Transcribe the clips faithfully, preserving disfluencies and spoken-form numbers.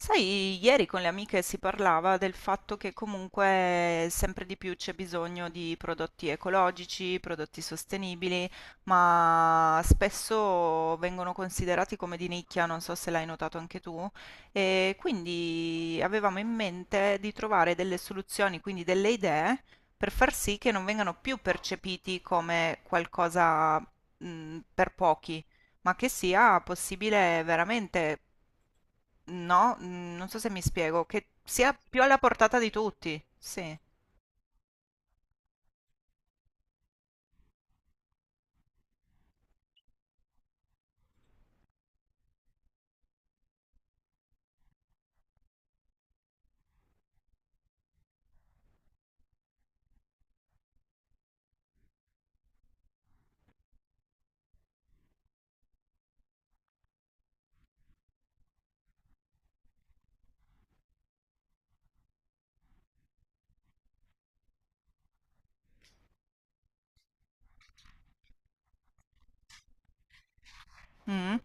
Sai, ieri con le amiche si parlava del fatto che comunque sempre di più c'è bisogno di prodotti ecologici, prodotti sostenibili, ma spesso vengono considerati come di nicchia, non so se l'hai notato anche tu, e quindi avevamo in mente di trovare delle soluzioni, quindi delle idee per far sì che non vengano più percepiti come qualcosa, mh, per pochi, ma che sia possibile veramente. No, mm, non so se mi spiego, che sia più alla portata di tutti. Sì. Mm,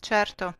certo.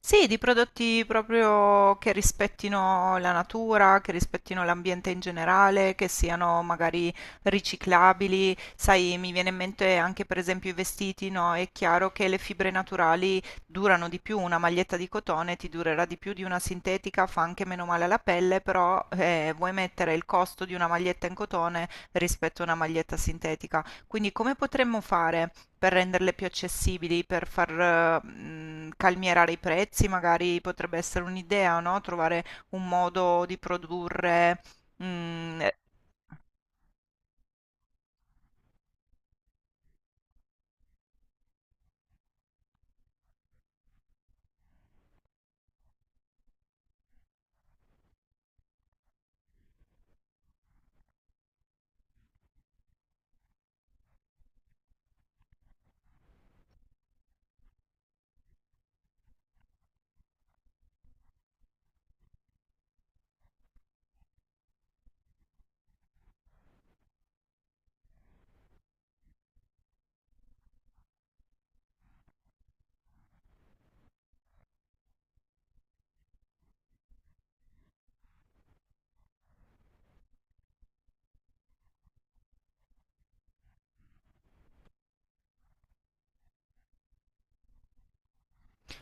Sì, di prodotti proprio che rispettino la natura, che rispettino l'ambiente in generale, che siano magari riciclabili. Sai, mi viene in mente anche per esempio i vestiti, no? È chiaro che le fibre naturali durano di più, una maglietta di cotone ti durerà di più di una sintetica, fa anche meno male alla pelle, però eh, vuoi mettere il costo di una maglietta in cotone rispetto a una maglietta sintetica. Quindi come potremmo fare? Per renderle più accessibili, per far, mhmm, calmierare i prezzi, magari potrebbe essere un'idea, no, trovare un modo di produrre, mhmm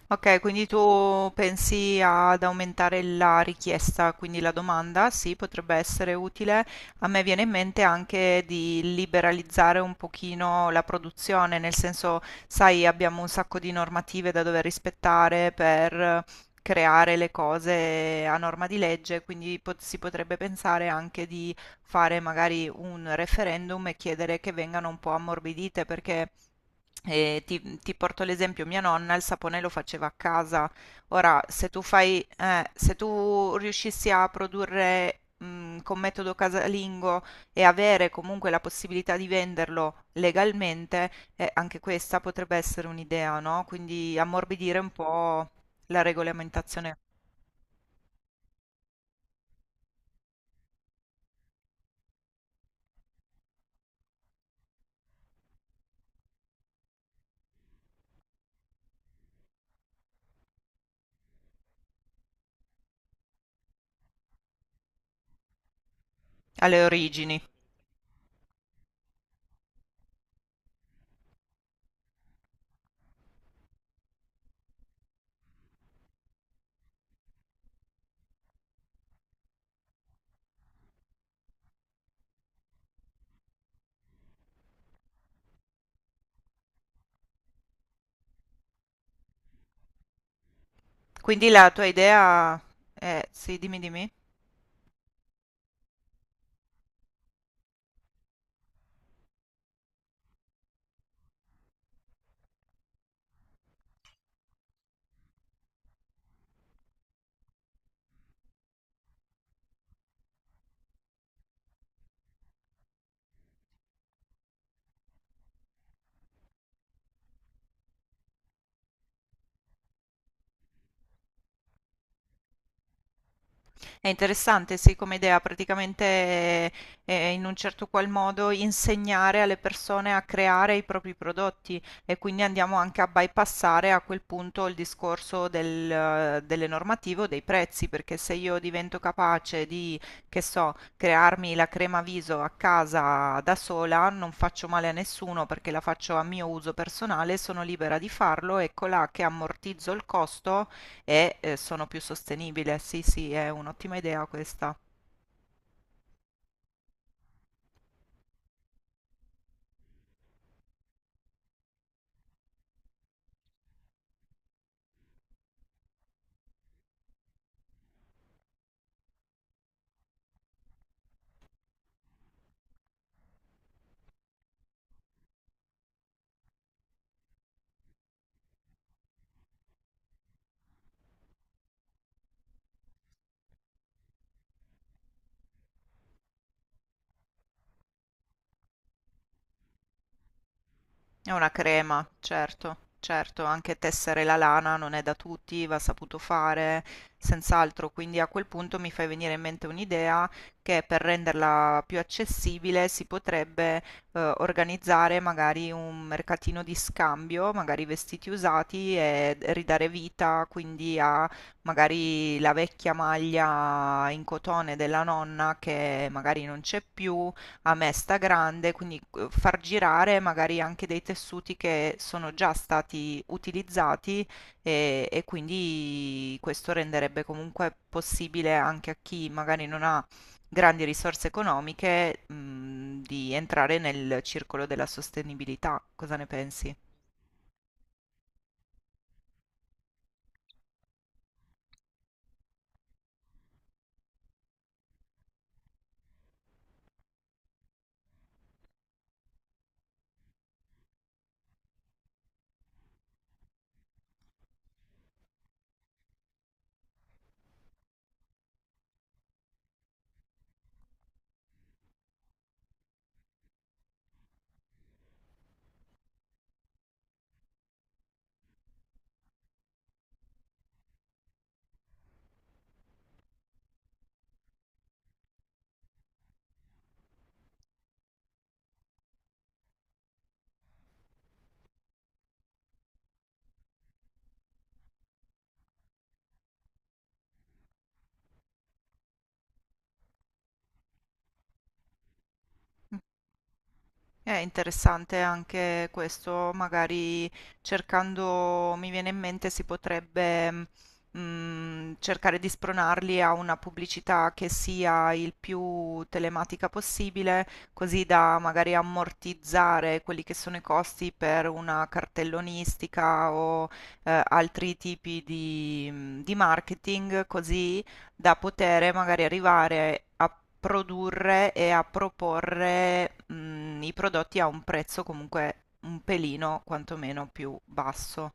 ok, quindi tu pensi ad aumentare la richiesta, quindi la domanda, sì, potrebbe essere utile. A me viene in mente anche di liberalizzare un pochino la produzione, nel senso, sai, abbiamo un sacco di normative da dover rispettare per creare le cose a norma di legge, quindi pot- si potrebbe pensare anche di fare magari un referendum e chiedere che vengano un po' ammorbidite, perché... E ti, ti porto l'esempio, mia nonna il sapone lo faceva a casa. Ora, se tu fai, eh, se tu riuscissi a produrre mh, con metodo casalingo e avere comunque la possibilità di venderlo legalmente, eh, anche questa potrebbe essere un'idea, no? Quindi ammorbidire un po' la regolamentazione, alle origini. Quindi la tua idea è, sì, dimmi, dimmi. È interessante, sì, come idea, praticamente eh, eh, in un certo qual modo insegnare alle persone a creare i propri prodotti e quindi andiamo anche a bypassare a quel punto il discorso del, eh, delle normative o dei prezzi, perché se io divento capace di, che so, crearmi la crema viso a casa da sola, non faccio male a nessuno perché la faccio a mio uso personale, sono libera di farlo, eccola che ammortizzo il costo e eh, sono più sostenibile. Sì, sì, è un'ottima idea questa. È una crema, certo, certo, anche tessere la lana non è da tutti, va saputo fare, senz'altro, quindi a quel punto mi fai venire in mente un'idea che per renderla più accessibile si potrebbe eh, organizzare magari un mercatino di scambio, magari vestiti usati, e ridare vita quindi a magari la vecchia maglia in cotone della nonna che magari non c'è più a mesta grande, quindi eh, far girare magari anche dei tessuti che sono già stati utilizzati, e, e quindi questo renderebbe comunque possibile anche a chi magari non ha grandi risorse economiche, mh, di entrare nel circolo della sostenibilità. Cosa ne pensi? È interessante anche questo, magari cercando, mi viene in mente, si potrebbe mm, cercare di spronarli a una pubblicità che sia il più telematica possibile, così da magari ammortizzare quelli che sono i costi per una cartellonistica o eh, altri tipi di, mm, di marketing, così da poter magari arrivare a produrre e a proporre, mh, i prodotti a un prezzo comunque un pelino quantomeno più basso.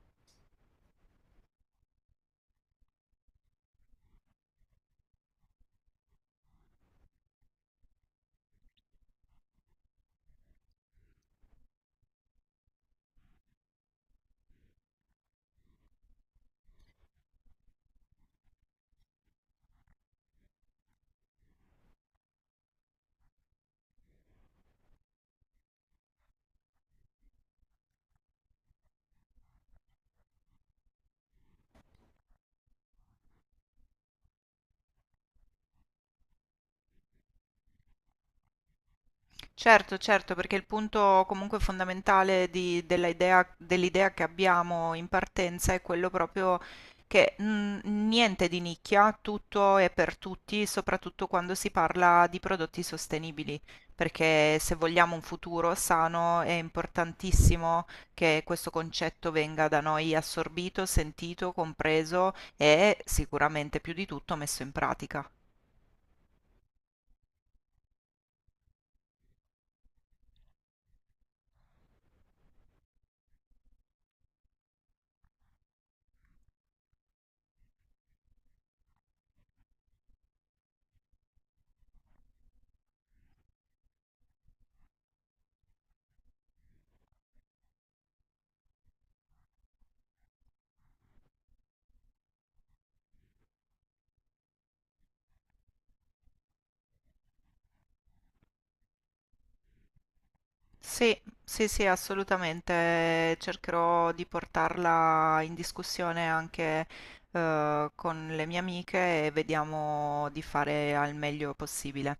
Certo, certo, perché il punto comunque fondamentale di- della idea- dell'idea che abbiamo in partenza è quello proprio che mm, niente di nicchia, tutto è per tutti, soprattutto quando si parla di prodotti sostenibili, perché se vogliamo un futuro sano è importantissimo che questo concetto venga da noi assorbito, sentito, compreso e sicuramente più di tutto messo in pratica. Sì, sì, sì, assolutamente. Cercherò di portarla in discussione anche eh, con le mie amiche e vediamo di fare al meglio possibile.